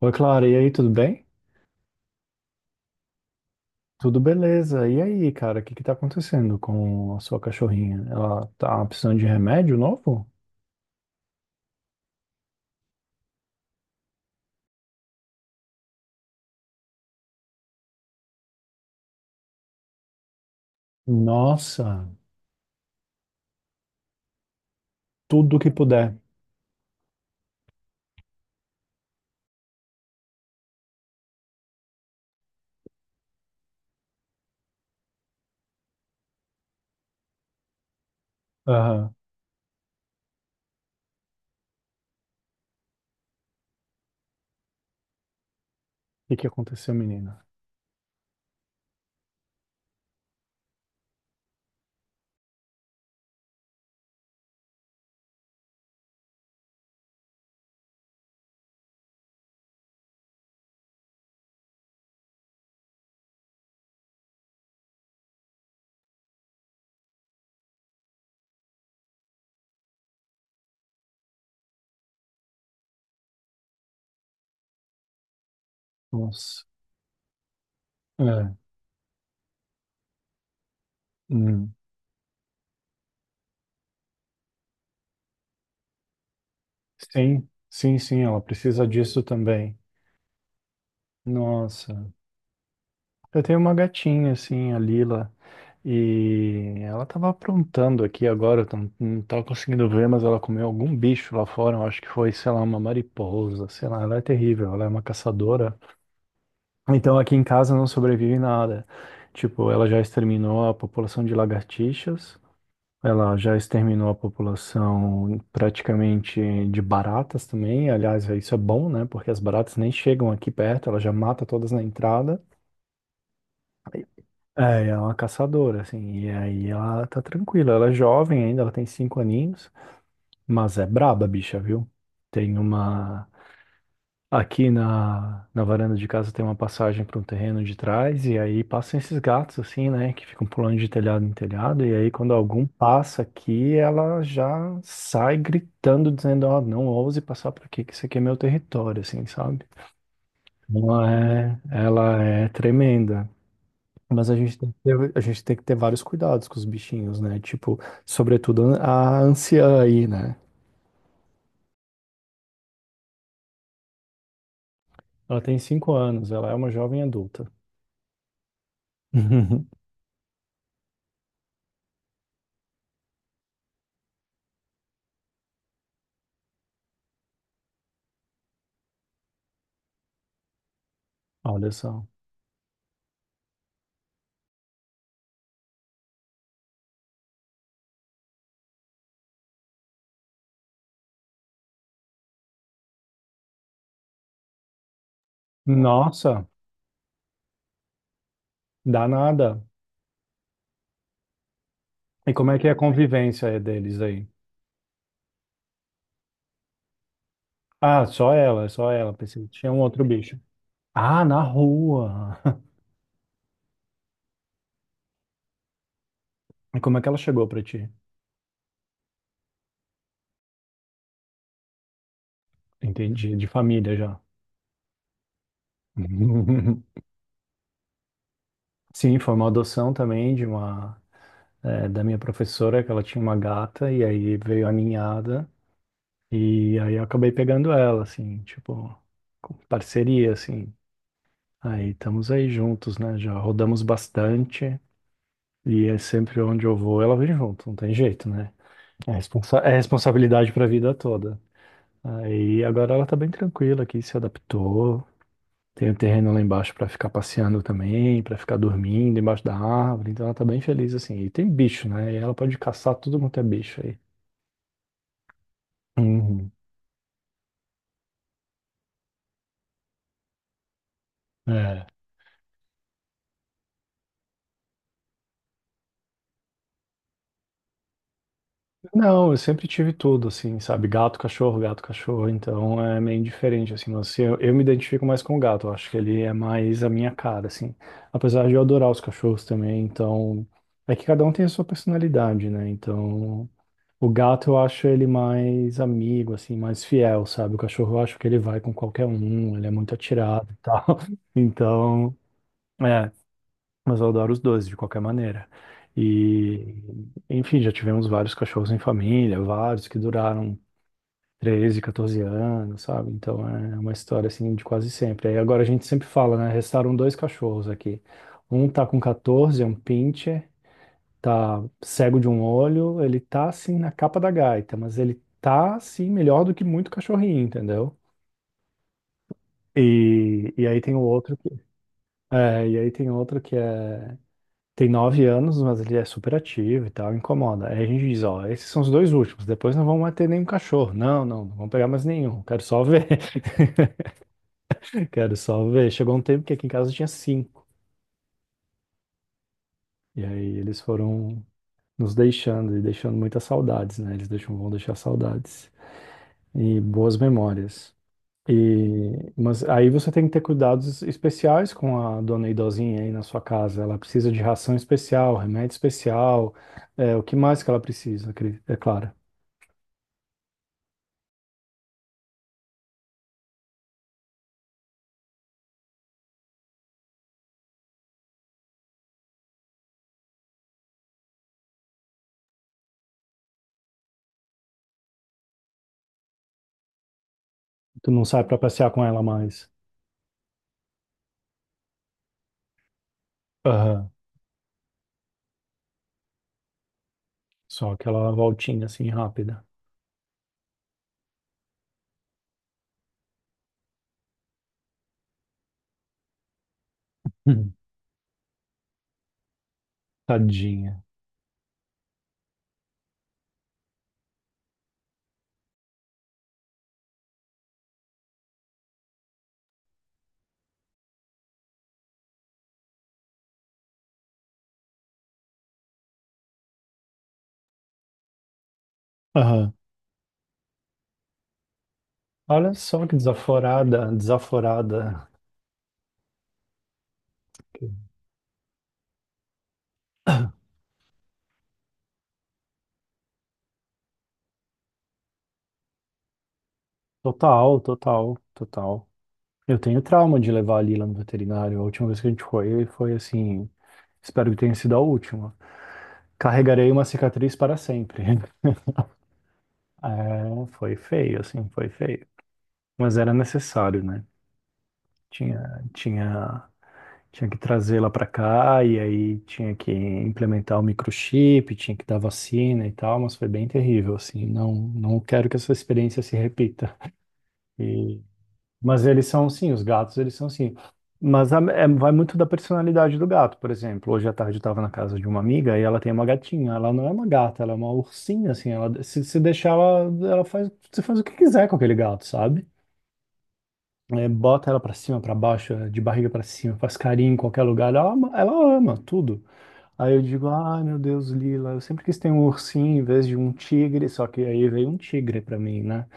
Oi, Clara, e aí, tudo bem? Tudo beleza. E aí, cara, o que que tá acontecendo com a sua cachorrinha? Ela tá precisando de remédio novo? Nossa, tudo que puder. Aham. O que que aconteceu, menina? Nossa. É. Hum. Sim, sim, sim, ela precisa disso também. Nossa. Eu tenho uma gatinha, assim, a Lila, e ela tava aprontando aqui agora, não tava conseguindo ver, mas ela comeu algum bicho lá fora, eu acho que foi, sei lá, uma mariposa, sei lá, ela é terrível, ela é uma caçadora. Então aqui em casa não sobrevive nada. Tipo, ela já exterminou a população de lagartixas, ela já exterminou a população praticamente de baratas também, aliás, isso é bom, né, porque as baratas nem chegam aqui perto, ela já mata todas na entrada. É, ela é uma caçadora, assim, e aí ela tá tranquila, ela é jovem ainda, ela tem 5 aninhos, mas é braba, a bicha, viu? Tem uma. Aqui na varanda de casa tem uma passagem para um terreno de trás, e aí passam esses gatos, assim, né, que ficam pulando de telhado em telhado, e aí quando algum passa aqui, ela já sai gritando, dizendo: Ó, não ouse passar por aqui, que isso aqui é meu território, assim, sabe? Ela é tremenda, mas a gente tem que ter, a gente tem que ter vários cuidados com os bichinhos, né? Tipo, sobretudo a anciã aí, né? Ela tem 5 anos, ela é uma jovem adulta. Olha só. Nossa, danada. E como é que é a convivência deles aí? Ah, só ela, só ela. Pensei que tinha um outro bicho. Ah, na rua. E como é que ela chegou pra ti? Entendi, de família já. Sim, foi uma adoção também de uma, da minha professora, que ela tinha uma gata, e aí veio a ninhada. E aí eu acabei pegando ela, assim, tipo, com parceria, assim. Aí estamos aí juntos, né? Já rodamos bastante e é sempre onde eu vou, ela vem junto, não tem jeito, né? É, responsa é responsabilidade pra vida toda. Aí agora ela tá bem tranquila aqui, se adaptou. Tem o terreno lá embaixo pra ficar passeando também, pra ficar dormindo embaixo da árvore, então ela tá bem feliz assim. E tem bicho, né? E ela pode caçar tudo quanto é bicho aí. Uhum. É. Não, eu sempre tive tudo, assim, sabe? Gato, cachorro, gato, cachorro. Então é meio diferente, assim. Mas assim, eu me identifico mais com o gato. Eu acho que ele é mais a minha cara, assim. Apesar de eu adorar os cachorros também. Então é que cada um tem a sua personalidade, né? Então o gato eu acho ele mais amigo, assim, mais fiel, sabe? O cachorro eu acho que ele vai com qualquer um. Ele é muito atirado e tal. Então. É, mas eu adoro os dois, de qualquer maneira. E, enfim, já tivemos vários cachorros em família, vários que duraram 13, 14 anos, sabe? Então é uma história assim de quase sempre. Aí agora a gente sempre fala, né? Restaram dois cachorros aqui. Um tá com 14, é um pincher, tá cego de um olho, ele tá assim na capa da gaita, mas ele tá assim melhor do que muito cachorrinho, entendeu? E, e aí tem o outro que, e aí tem outro que é. Tem 9 anos, mas ele é super ativo e tal, incomoda. Aí a gente diz, ó, esses são os dois últimos, depois não vamos mais ter nenhum cachorro. Não, não, não vamos pegar mais nenhum, quero só ver. Quero só ver. Chegou um tempo que aqui em casa tinha cinco. E aí eles foram nos deixando e deixando muitas saudades, né? Eles deixam, vão deixar saudades e boas memórias. E, mas aí você tem que ter cuidados especiais com a dona idosinha aí na sua casa. Ela precisa de ração especial, remédio especial, é, o que mais que ela precisa, Cris? É claro. Tu não sai pra passear com ela mais. Aham. Só aquela voltinha assim rápida. Hum. Tadinha. Aham. Olha só que desaforada, desaforada. Total, total, total. Eu tenho trauma de levar a Lila no veterinário. A última vez que a gente foi, foi assim. Espero que tenha sido a última. Carregarei uma cicatriz para sempre. É, foi feio, assim, foi feio. Mas era necessário, né? Tinha, tinha Tinha que trazê-la para cá e aí tinha que implementar o microchip, tinha que dar vacina e tal, mas foi bem terrível, assim. Não, não quero que essa experiência se repita. E- mas eles são, sim, os gatos, eles são, sim. Mas vai muito da personalidade do gato, por exemplo. Hoje à tarde eu estava na casa de uma amiga e ela tem uma gatinha. Ela não é uma gata, ela é uma ursinha, assim. Ela, se deixar, ela faz, você faz o que quiser com aquele gato, sabe? É, bota ela pra cima, pra baixo, é, de barriga pra cima, faz carinho em qualquer lugar. Ela ama tudo. Aí eu digo, ai meu Deus, Lila, eu sempre quis ter um ursinho em vez de um tigre, só que aí veio um tigre pra mim, né?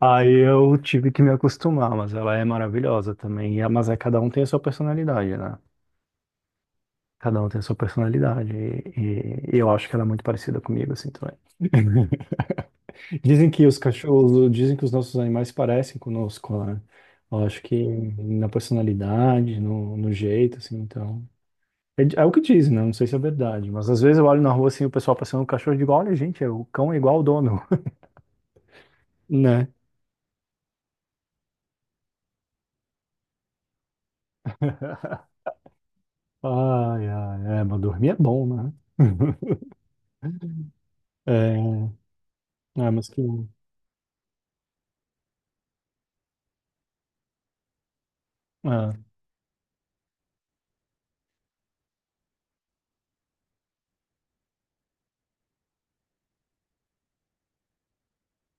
Aí eu tive que me acostumar, mas ela é maravilhosa também. Mas é, cada um tem a sua personalidade, né? Cada um tem a sua personalidade. E eu acho que ela é muito parecida comigo, assim, também. Dizem que os cachorros, dizem que os nossos animais se parecem conosco, né? Eu acho que na personalidade, no jeito, assim, então. É, é o que dizem, né? Não sei se é verdade, mas às vezes eu olho na rua assim, o pessoal passando o cachorro e digo, olha, gente, o cão é igual o dono, né? Ai, ai, é, mas dormir é bom, né? É, é, mas que. Ah,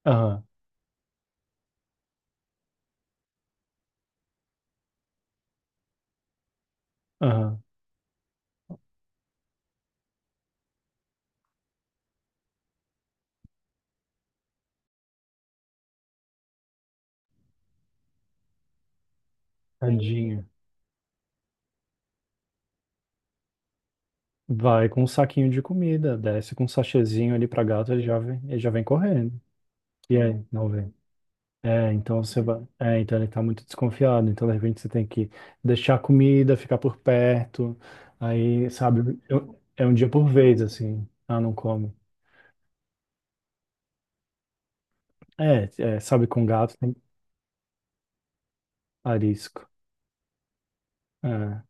ah, ah, tadinho. Vai com um saquinho de comida, desce com um sachêzinho ali pra gato, ele já vem correndo. E aí, não vem? É, então você vai. É, então ele tá muito desconfiado. Então, de repente, você tem que deixar a comida, ficar por perto. Aí, sabe, é um dia por vez, assim. Ah, não come. É, é, sabe, com gato tem arisco. É,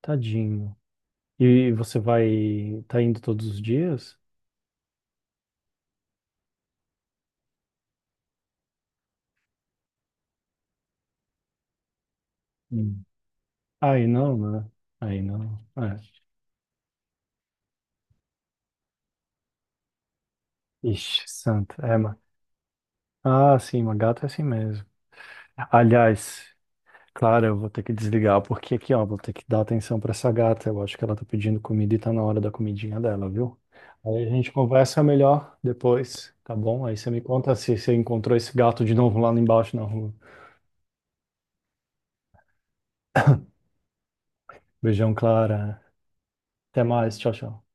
tadinho. E você vai. Tá indo todos os dias? Hum. Aí não, né? Aí não. É. Ixi, santo. É, mas... Ah, sim, uma gata é assim mesmo. Aliás. Claro, eu vou ter que desligar, porque aqui, ó, vou ter que dar atenção pra essa gata. Eu acho que ela tá pedindo comida e tá na hora da comidinha dela, viu? Aí a gente conversa melhor depois, tá bom? Aí você me conta se você encontrou esse gato de novo lá embaixo na rua. Beijão, Clara. Até mais, tchau, tchau.